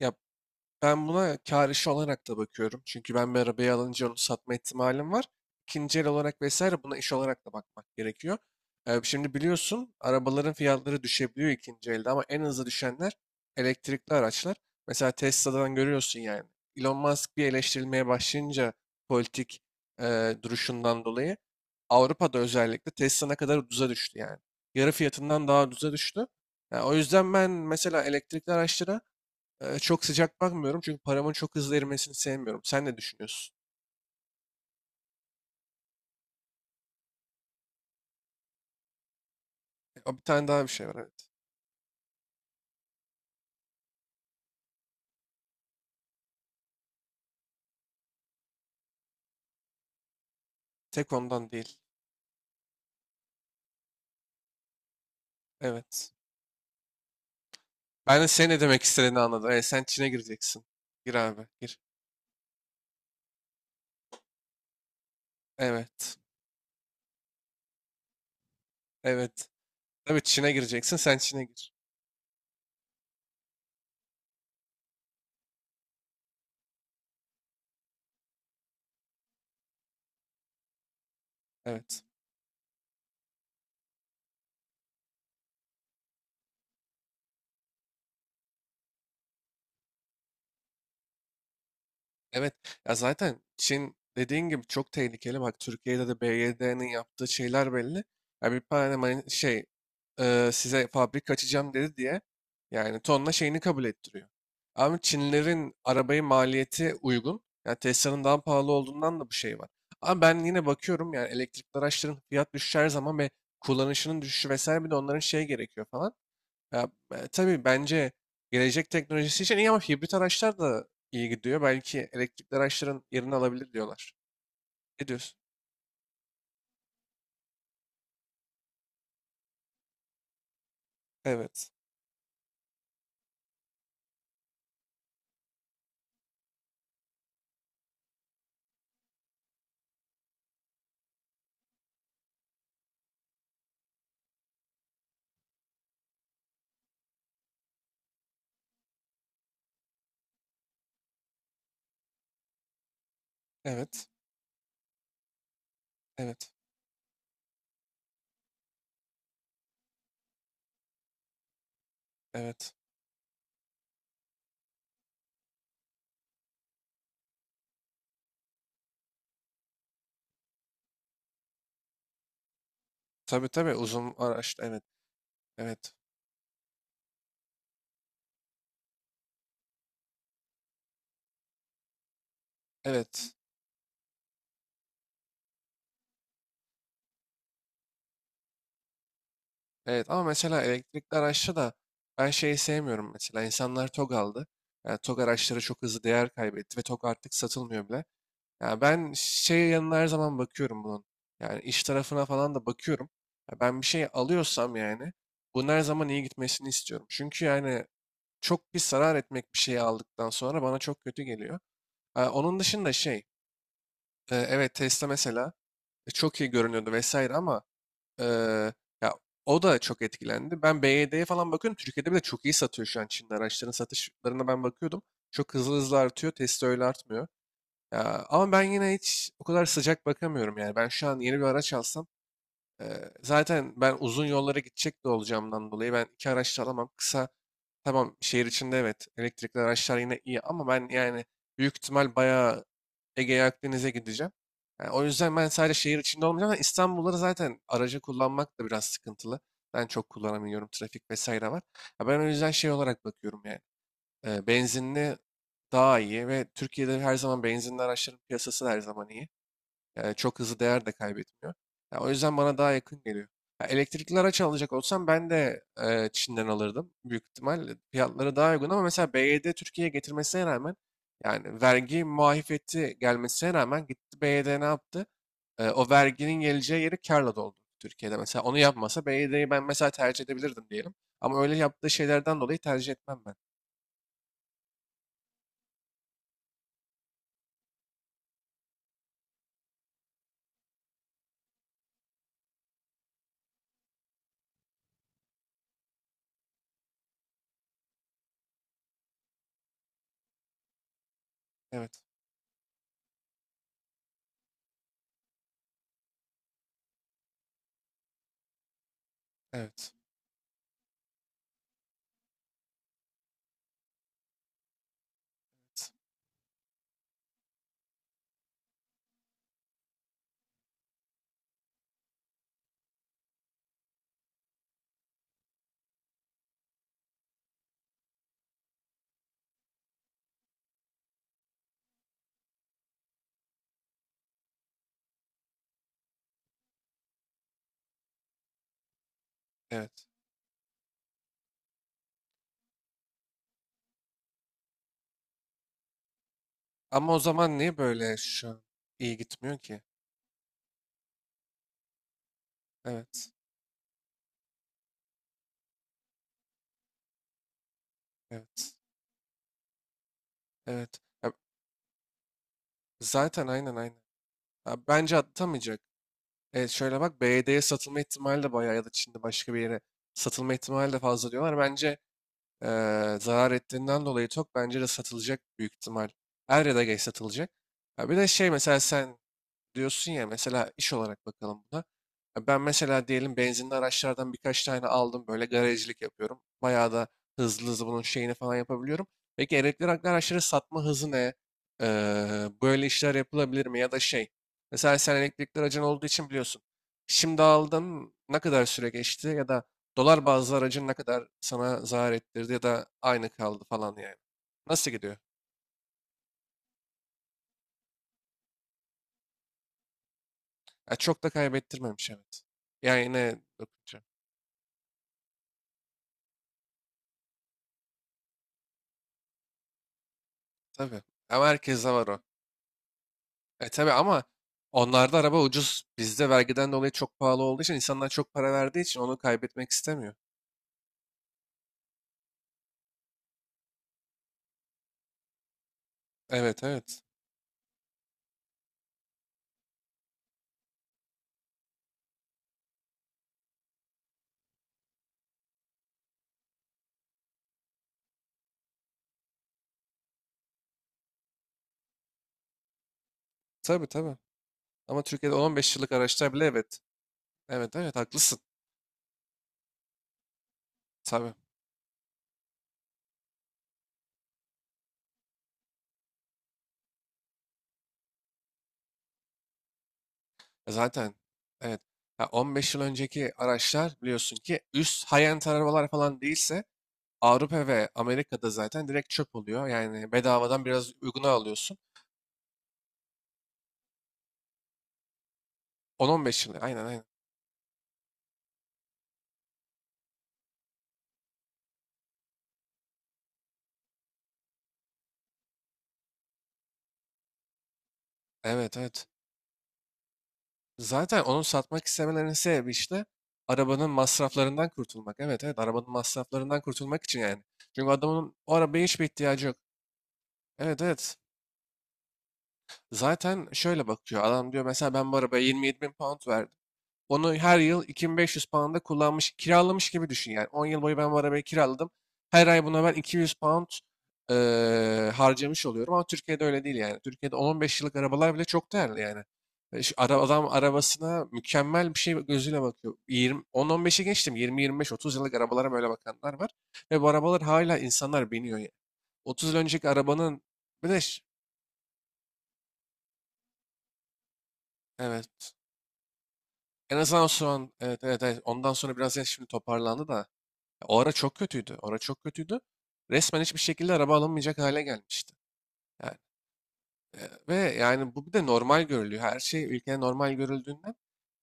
Ya ben buna kar işi olarak da bakıyorum. Çünkü ben bir arabayı alınca onu satma ihtimalim var. İkinci el olarak vesaire buna iş olarak da bakmak gerekiyor. Şimdi biliyorsun arabaların fiyatları düşebiliyor ikinci elde ama en hızlı düşenler elektrikli araçlar. Mesela Tesla'dan görüyorsun yani. Elon Musk bir eleştirilmeye başlayınca politik duruşundan dolayı Avrupa'da özellikle Tesla ne kadar ucuza düştü yani. Yarı fiyatından daha ucuza düştü. Yani o yüzden ben mesela elektrikli araçlara çok sıcak bakmıyorum çünkü paramın çok hızlı erimesini sevmiyorum. Sen ne düşünüyorsun? Bir tane daha bir şey var, evet. Tek ondan değil. Evet. Ben de senin ne demek istediğini anladım. Evet, sen Çin'e gireceksin. Gir abi gir. Evet. Evet. Tabii Çin'e gireceksin, sen Çin'e gir. Evet. Evet. Ya zaten Çin dediğin gibi çok tehlikeli. Bak, Türkiye'de de BYD'nin yaptığı şeyler belli. Ya bir tane size fabrika açacağım dedi diye yani tonla şeyini kabul ettiriyor. Ama Çinlerin arabayı maliyeti uygun. Yani Tesla'nın daha pahalı olduğundan da bu şey var. Ama ben yine bakıyorum yani, elektrikli araçların fiyat düşüşü her zaman ve kullanışının düşüşü vesaire, bir de onların şey gerekiyor falan. Ya, tabii bence gelecek teknolojisi için iyi ama hibrit araçlar da iyi gidiyor. Belki elektrikli araçların yerini alabilir diyorlar. Ne diyorsun? Evet. Evet. Evet. Evet. Tabii tabii, uzun araç. Evet. Evet. Evet. Evet, ama mesela elektrikli araçta da ben şeyi sevmiyorum mesela. İnsanlar TOG aldı. Yani TOG araçları çok hızlı değer kaybetti ve TOG artık satılmıyor bile. Ya ben şey yanına her zaman bakıyorum bunun. Yani iş tarafına falan da bakıyorum. Ya ben bir şey alıyorsam yani bunun her zaman iyi gitmesini istiyorum. Çünkü yani çok bir zarar etmek bir şeyi aldıktan sonra bana çok kötü geliyor. Ha, onun dışında evet, Tesla mesela çok iyi görünüyordu vesaire ama e, ya o da çok etkilendi. Ben BYD'ye falan bakıyorum. Türkiye'de bile çok iyi satıyor, şu an Çin'de. Araçların satışlarına ben bakıyordum. Çok hızlı hızlı artıyor. Tesla öyle artmıyor. Ya, ama ben yine hiç o kadar sıcak bakamıyorum yani. Ben şu an yeni bir araç alsam zaten ben uzun yollara gidecek de olacağımdan dolayı ben iki araç da alamam. Kısa, tamam, şehir içinde evet elektrikli araçlar yine iyi ama ben yani büyük ihtimal bayağı Ege'ye, Akdeniz'e gideceğim. Yani o yüzden ben sadece şehir içinde olmayacağım. Ama İstanbul'da zaten aracı kullanmak da biraz sıkıntılı. Ben çok kullanamıyorum. Trafik vesaire var. Ya ben o yüzden şey olarak bakıyorum yani. Benzinli daha iyi ve Türkiye'de her zaman benzinli araçların piyasası da her zaman iyi. Yani çok hızlı değer de kaybetmiyor. Ya o yüzden bana daha yakın geliyor. Ya elektrikli araç alacak olsam ben de Çin'den alırdım. Büyük ihtimal fiyatları daha uygun ama mesela BYD Türkiye'ye getirmesine rağmen, yani vergi muafiyeti gelmesine rağmen, gitti BYD ne yaptı? O verginin geleceği yeri karla doldu Türkiye'de. Mesela onu yapmasa BYD'yi ben mesela tercih edebilirdim diyelim. Ama öyle yaptığı şeylerden dolayı tercih etmem ben. Evet. Evet. Evet. Evet. Ama o zaman niye böyle şu an iyi gitmiyor ki? Evet. Evet. Evet. Ya zaten, aynen aynen. Ya bence atamayacak. Evet, şöyle bak, BD'ye satılma ihtimali de bayağı ya da Çin'de başka bir yere satılma ihtimali de fazla diyorlar. Bence zarar ettiğinden dolayı çok, bence de satılacak büyük ihtimal. Er ya da geç satılacak. Ya bir de şey, mesela sen diyorsun ya, mesela iş olarak bakalım buna. Ya ben mesela diyelim benzinli araçlardan birkaç tane aldım, böyle garajcılık yapıyorum. Bayağı da hızlı hızlı bunun şeyini falan yapabiliyorum. Peki elektrikli araçları satma hızı ne? Böyle işler yapılabilir mi? Ya da şey, mesela sen elektrikli aracın olduğu için biliyorsun. Şimdi aldın, ne kadar süre geçti ya da dolar bazlı aracın ne kadar sana zarar ettirdi ya da aynı kaldı falan yani. Nasıl gidiyor? Ya çok da kaybettirmemiş, evet. Yani ne. Tabii. Ama herkeste var o. Tabii ama onlarda araba ucuz. Bizde vergiden dolayı çok pahalı olduğu için, insanlar çok para verdiği için onu kaybetmek istemiyor. Evet evet. Tabii tabii. Ama Türkiye'de 15 yıllık araçlar bile, evet. Evet evet, haklısın. Tabii. Zaten evet. Ha, 15 yıl önceki araçlar biliyorsun ki üst high-end arabalar falan değilse Avrupa ve Amerika'da zaten direkt çöp oluyor. Yani bedavadan biraz uyguna alıyorsun. 10-15 yıl. Aynen aynen. Evet evet. Zaten onu satmak istemelerinin sebebi işte arabanın masraflarından kurtulmak. Evet evet, arabanın masraflarından kurtulmak için yani. Çünkü adamın o arabaya hiçbir ihtiyacı yok. Evet evet. Zaten şöyle bakıyor. Adam diyor mesela, ben bu arabaya 27 bin pound verdim. Onu her yıl 2500 pound'a kullanmış, kiralamış gibi düşün yani. 10 yıl boyu ben bu arabayı kiraladım. Her ay buna ben 200 pound harcamış oluyorum ama Türkiye'de öyle değil yani. Türkiye'de 10-15 yıllık arabalar bile çok değerli yani. Adam arabasına mükemmel bir şey gözüyle bakıyor. 20, 10-15'e geçtim. 20-25-30 yıllık arabalara böyle bakanlar var. Ve bu arabalar hala insanlar biniyor. Yani. 30 yıl önceki arabanın bir de evet, en azından şu an, evet, evet, evet, ondan sonra biraz, ya şimdi toparlandı da. O ara çok kötüydü. O ara çok kötüydü. Resmen hiçbir şekilde araba alamayacak hale gelmişti. Yani, e, ve yani bu bir de normal görülüyor. Her şey ülkede normal görüldüğünden.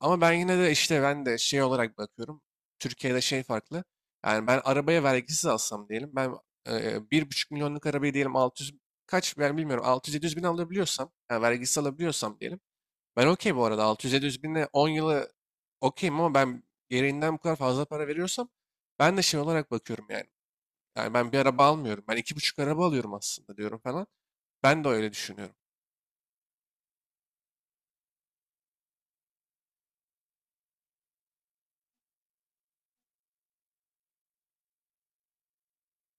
Ama ben yine de işte, ben de şey olarak bakıyorum. Türkiye'de şey farklı. Yani ben arabaya vergisiz alsam diyelim. Ben bir buçuk milyonluk arabayı diyelim 600, kaç ben bilmiyorum, 600-700 bin alabiliyorsam, yani vergisiz alabiliyorsam diyelim. Ben okey, bu arada 600-700 binle 10 yılı okeyim ama ben gereğinden bu kadar fazla para veriyorsam, ben de şey olarak bakıyorum yani. Yani ben bir araba almıyorum. Ben iki buçuk araba alıyorum aslında diyorum falan. Ben de öyle düşünüyorum.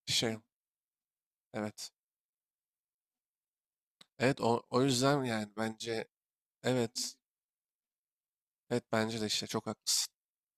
Şey, evet. Evet, o yüzden yani bence, evet. Evet, bence de işte, çok haklısın.